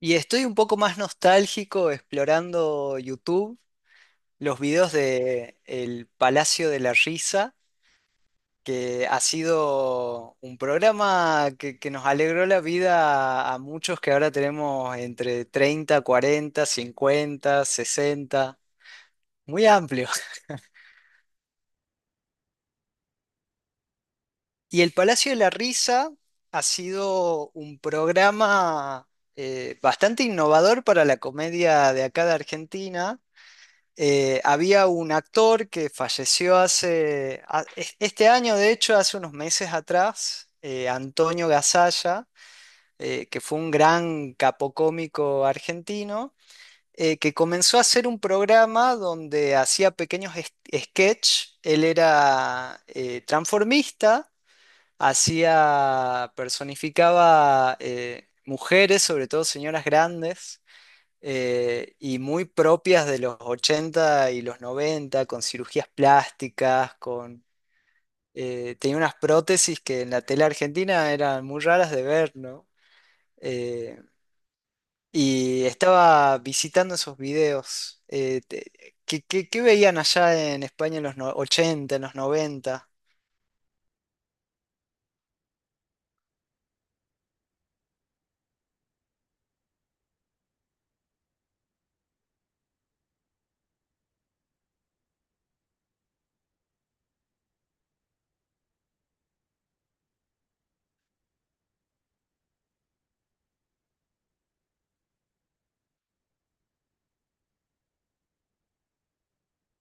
Y estoy un poco más nostálgico explorando YouTube, los videos de El Palacio de la Risa, que ha sido un programa que nos alegró la vida a muchos que ahora tenemos entre 30 40 50 60 muy amplio. Y El Palacio de la Risa ha sido un programa bastante innovador para la comedia de acá de Argentina. Había un actor que falleció este año, de hecho, hace unos meses atrás, Antonio Gasalla, que fue un gran capocómico argentino, que comenzó a hacer un programa donde hacía pequeños sketch. Él era transformista, personificaba mujeres, sobre todo señoras grandes y muy propias de los 80 y los 90 con cirugías plásticas, con... tenía unas prótesis que en la tele argentina eran muy raras de ver, ¿no? Eh, y estaba visitando esos videos. Qué veían allá en España en los 80, en los noventa?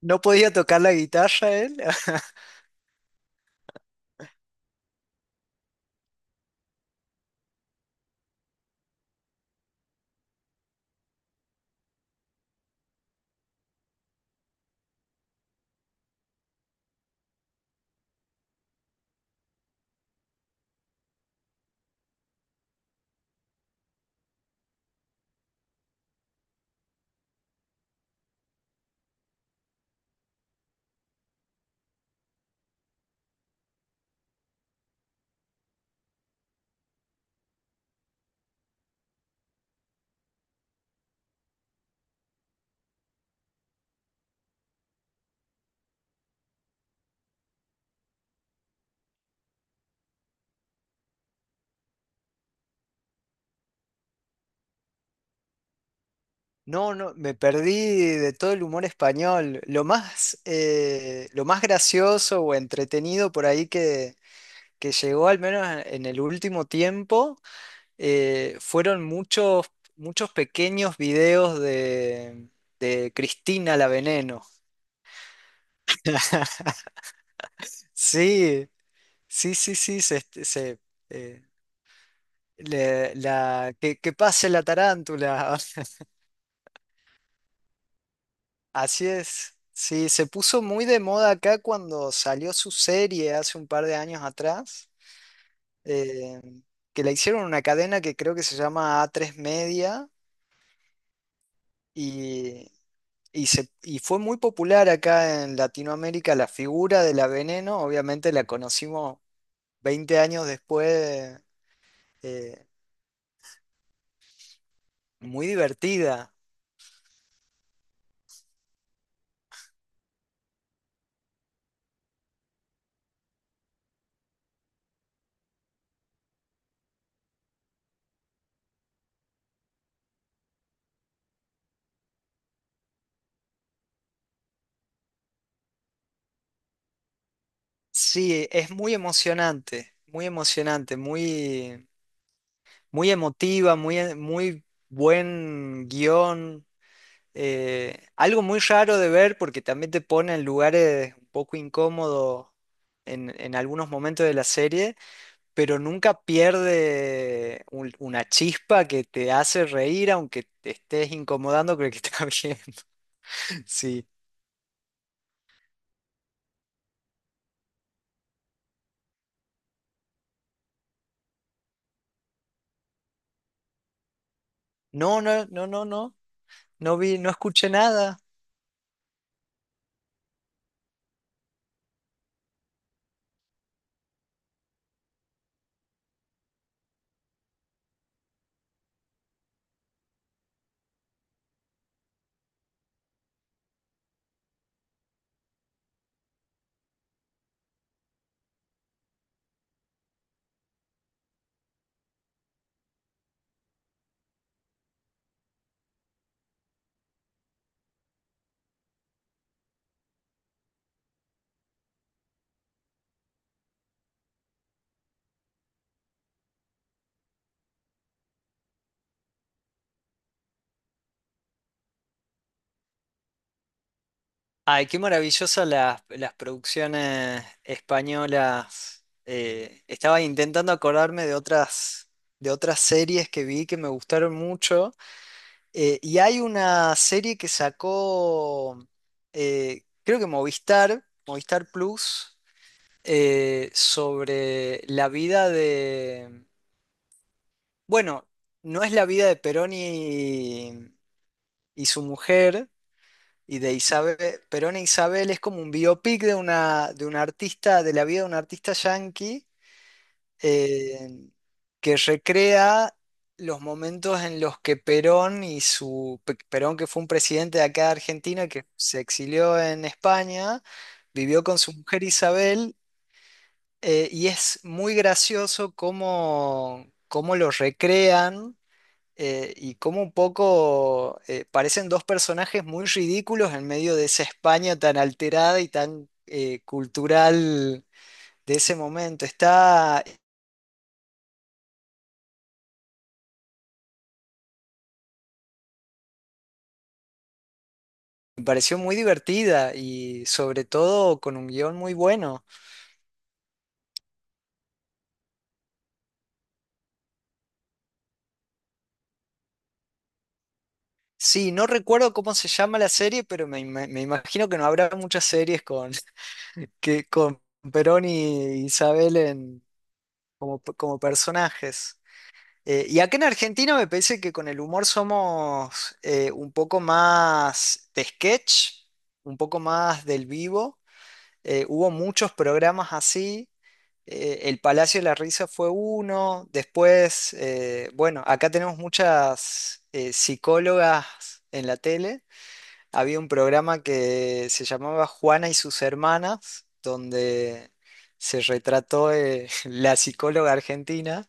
¿No podía tocar la guitarra él? No, no, me perdí de todo el humor español. Lo más gracioso o entretenido por ahí que llegó al menos en el último tiempo, fueron muchos pequeños videos de Cristina la Veneno. Sí, sí, sí, sí, se, este, se, eh, le- la, que pase la tarántula. Así es. Sí, se puso muy de moda acá cuando salió su serie hace un par de años atrás, eh, que la hicieron en una cadena que creo que se llama a tres Media. Y, y fue muy popular acá en Latinoamérica la figura de la Veneno, obviamente la conocimos 20 años después, eh, muy divertida. Sí, es muy emocionante, muy emocionante, muy, muy emotiva, muy, muy buen guión. Algo muy raro de ver porque también te pone en lugares un poco incómodos en algunos momentos de la serie, pero nunca pierde una chispa que te hace reír aunque te estés incomodando con el que está viendo. Sí. No, no, no, no, no. No vi, no escuché nada. Ay, qué maravillosas las producciones españolas. Estaba intentando acordarme de otras series que vi que me gustaron mucho. Y hay una serie que sacó, creo que Movistar, Movistar Plus, sobre la vida de... Bueno, no es la vida de Perón y su mujer y de Isabel. Perón e Isabel es como un biopic de una artista, de la vida de un artista yanqui eh, que recrea los momentos en los que Perón y su... Perón, que fue un presidente de acá de Argentina que se exilió en España. Vivió con su mujer Isabel. Y es muy gracioso cómo, cómo lo recrean, y cómo un poco parecen dos personajes muy ridículos en medio de esa España tan alterada y tan cultural de ese momento. Está, me pareció muy divertida y sobre todo con un guión muy bueno. Sí, no recuerdo cómo se llama la serie, pero me, me imagino que no habrá muchas series con, que, con Perón y Isabel en como, como personajes. Y acá en Argentina me parece que con el humor somos un poco más de sketch, un poco más del vivo. Hubo muchos programas así. El Palacio de la Risa fue uno. Después, bueno, acá tenemos muchas psicólogas en la tele. Había un programa que se llamaba Juana y sus hermanas, donde se retrató la psicóloga argentina.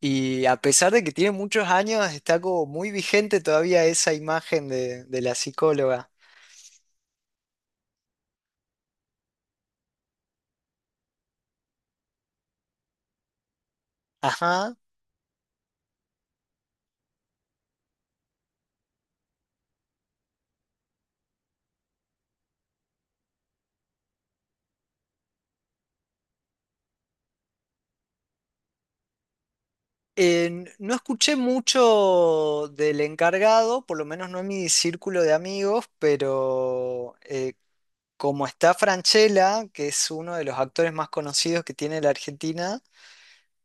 Y a pesar de que tiene muchos años, está como muy vigente todavía esa imagen de la psicóloga. Ajá. No escuché mucho del encargado, por lo menos no en mi círculo de amigos, pero como está Franchella, que es uno de los actores más conocidos que tiene la Argentina,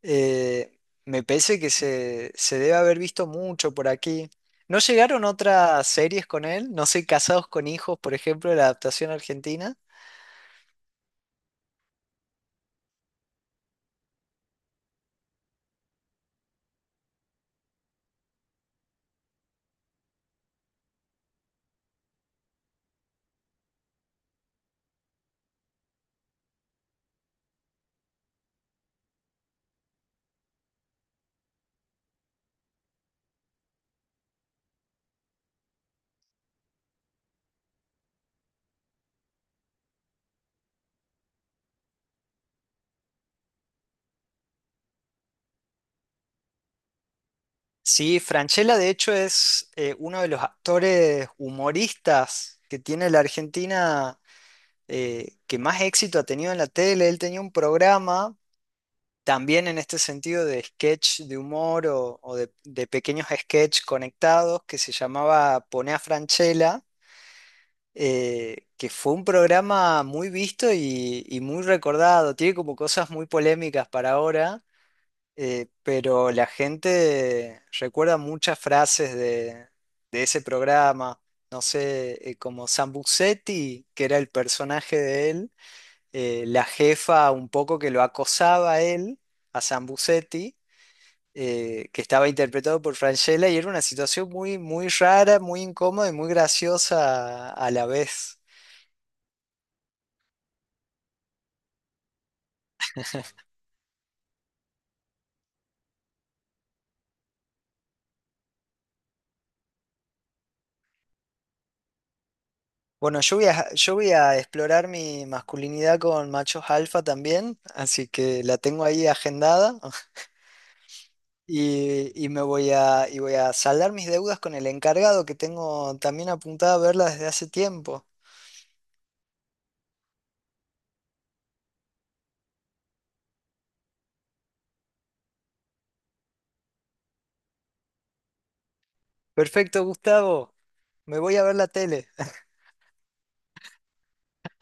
eh, me parece que se debe haber visto mucho por aquí. ¿No llegaron otras series con él? No sé, Casados con Hijos, por ejemplo, la adaptación argentina. Sí, Francella de hecho es uno de los actores humoristas que tiene la Argentina, que más éxito ha tenido en la tele. Él tenía un programa también en este sentido de sketch de humor o de pequeños sketch conectados que se llamaba Poné a Francella, que fue un programa muy visto y muy recordado. Tiene como cosas muy polémicas para ahora, pero la gente recuerda muchas frases de ese programa, no sé, como Sambucetti, que era el personaje de él, la jefa un poco que lo acosaba a él, a Sambucetti, que estaba interpretado por Francella, y era una situación muy, muy rara, muy incómoda y muy graciosa a la vez. Bueno, yo voy a explorar mi masculinidad con machos alfa también, así que la tengo ahí agendada. Y, y voy a saldar mis deudas con el encargado que tengo también apuntada a verla desde hace tiempo. Perfecto, Gustavo. Me voy a ver la tele.